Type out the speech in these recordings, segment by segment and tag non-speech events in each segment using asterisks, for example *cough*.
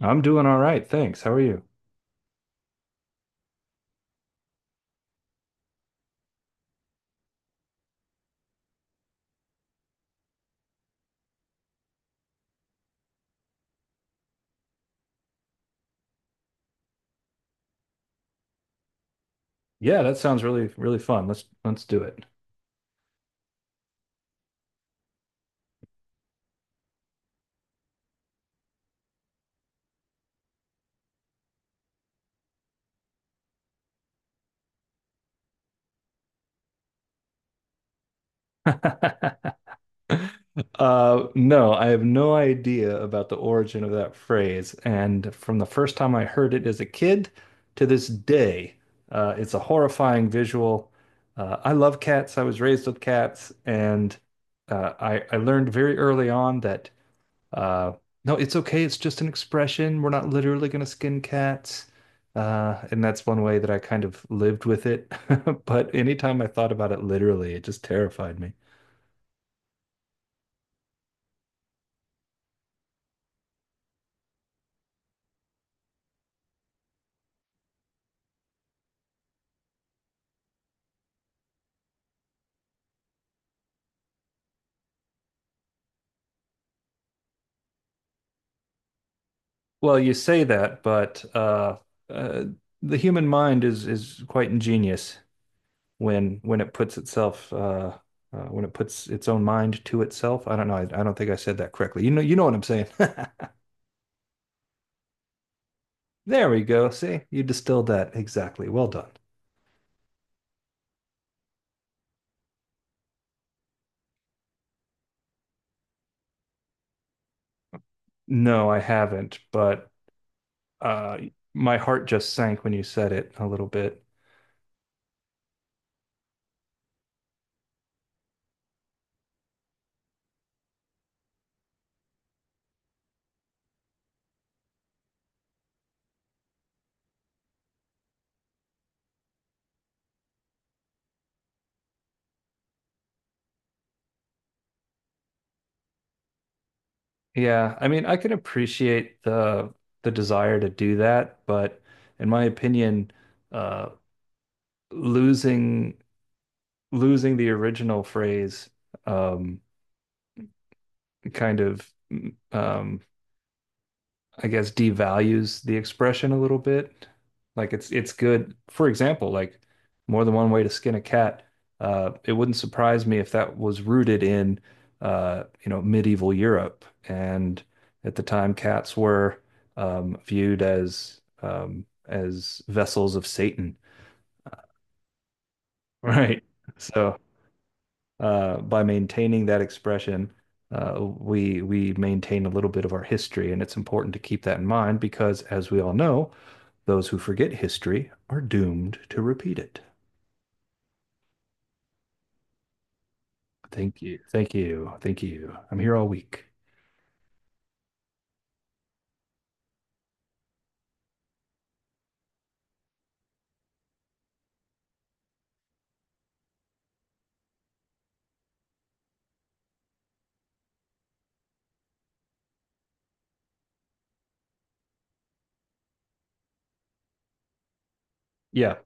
I'm doing all right, thanks. How are you? Yeah, that sounds really, really fun. Let's do it. *laughs* No, I have no idea about the origin of that phrase, and from the first time I heard it as a kid to this day, it's a horrifying visual. I love cats. I was raised with cats, and I learned very early on that Uh, no, it's okay. It's just an expression. We're not literally going to skin cats. And that's one way that I kind of lived with it. *laughs* But anytime I thought about it literally, it just terrified me. Well, you say that, but uh, the human mind is quite ingenious, when it puts itself when it puts its own mind to itself. I don't know. I don't think I said that correctly. You know what I'm saying. *laughs* There we go. See, you distilled that exactly. Well done. No, I haven't, but uh, my heart just sank when you said it a little bit. Yeah, I mean, I can appreciate the desire to do that, but in my opinion, uh, losing losing the original phrase um, kind of um, I guess devalues the expression a little bit. Like it's good. For example, like more than one way to skin a cat. It wouldn't surprise me if that was rooted in you know, medieval Europe. And at the time, cats were viewed as vessels of Satan, *laughs* right? So by maintaining that expression, we maintain a little bit of our history, and it's important to keep that in mind because, as we all know, those who forget history are doomed to repeat it. Thank you. Thank you. Thank you. I'm here all week. Yeah.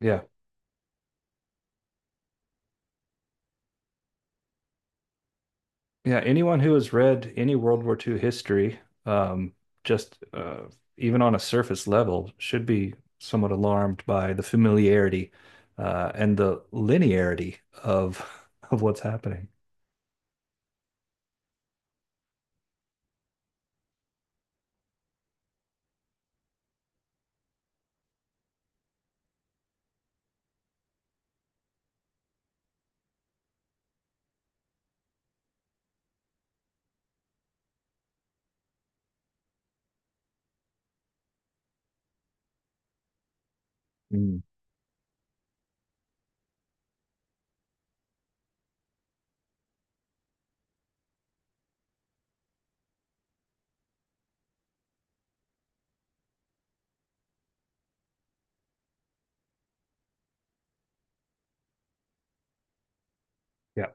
Yeah. Yeah. Anyone who has read any World War II history, um, just even on a surface level, should be somewhat alarmed by the familiarity and the linearity of what's happening. Mm. Yeah.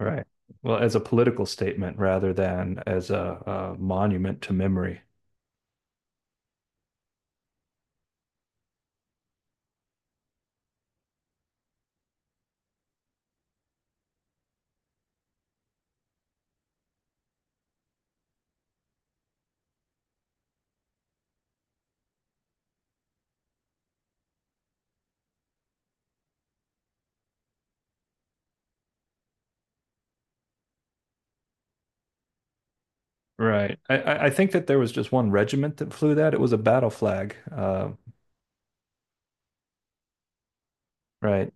Right. Well, as a political statement rather than as a monument to memory. Right. I think that there was just one regiment that flew that. It was a battle flag. Right.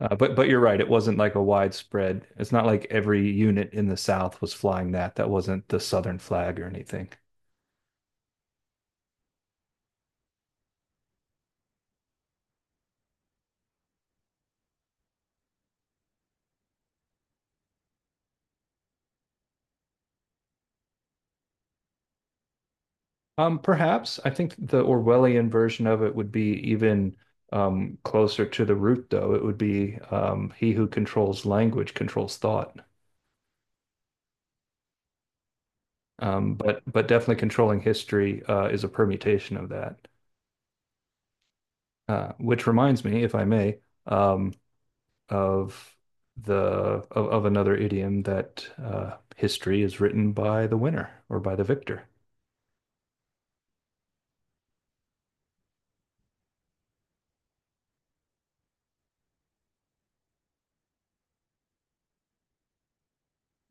But you're right. It wasn't like a widespread. It's not like every unit in the South was flying that. That wasn't the Southern flag or anything. Perhaps I think the Orwellian version of it would be even closer to the root, though. It would be he who controls language controls thought. But definitely controlling history is a permutation of that. Which reminds me, if I may, um, of the of another idiom that history is written by the winner or by the victor.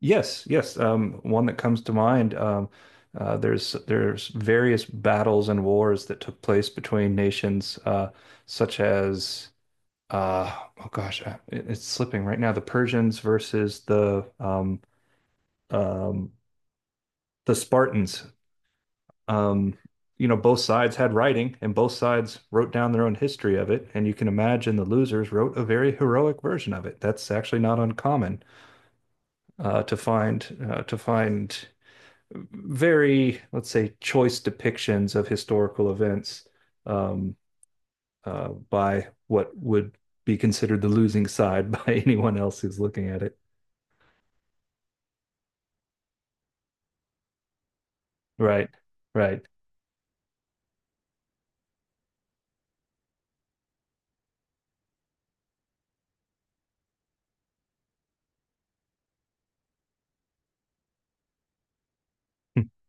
Yes, yes. One that comes to mind. There's various battles and wars that took place between nations, such as uh, oh gosh, it's slipping right now. The Persians versus um, the Spartans. Um, you know, both sides had writing, and both sides wrote down their own history of it. And you can imagine the losers wrote a very heroic version of it. That's actually not uncommon uh, to find. Very, let's say, choice depictions of historical events um, by what would be considered the losing side *laughs* by anyone else who's looking at it. Right, right, *laughs*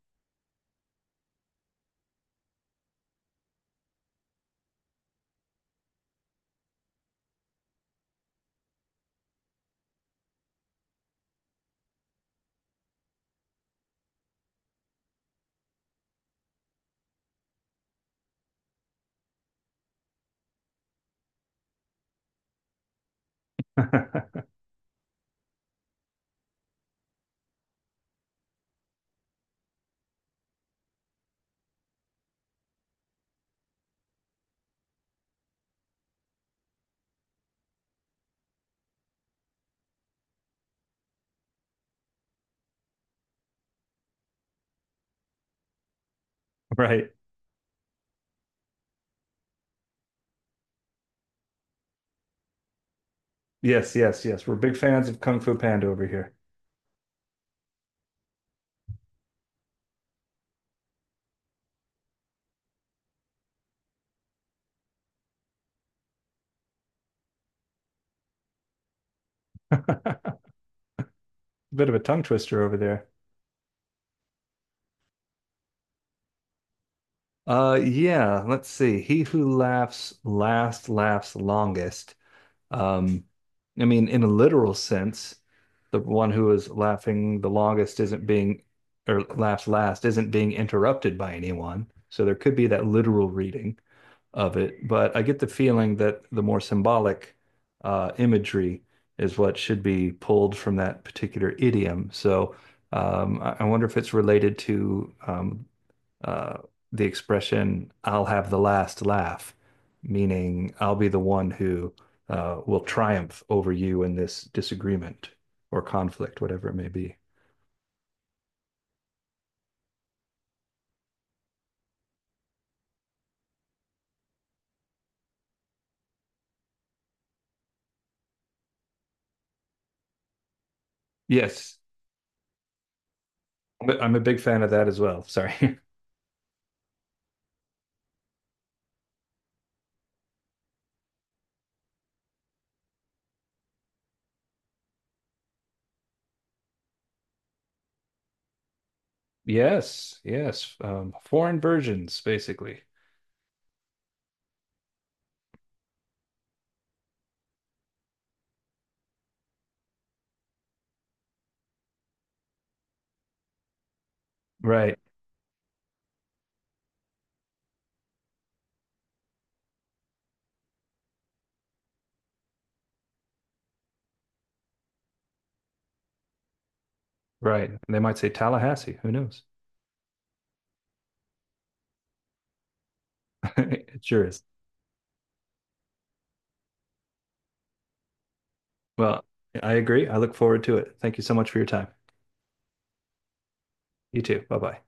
right. Yes, yes, yes. We're big fans of Kung Fu Panda over here. Bit of a tongue twister over there. Yeah, let's see. He who laughs last laughs longest. Um, I mean, in a literal sense, the one who is laughing the longest isn't being, or laughs last, isn't being interrupted by anyone. So there could be that literal reading of it. But I get the feeling that the more symbolic imagery is what should be pulled from that particular idiom. So I wonder if it's related to uh, the expression "I'll have the last laugh," meaning I'll be the one who will triumph over you in this disagreement or conflict, whatever it may be. Yes, I'm a big fan of that as well. Sorry. *laughs* Yes, yes. Foreign versions, basically. Right, right. And they might say Tallahassee. Who knows? *laughs* It sure is. Well, I agree. I look forward to it. Thank you so much for your time. You too. Bye bye.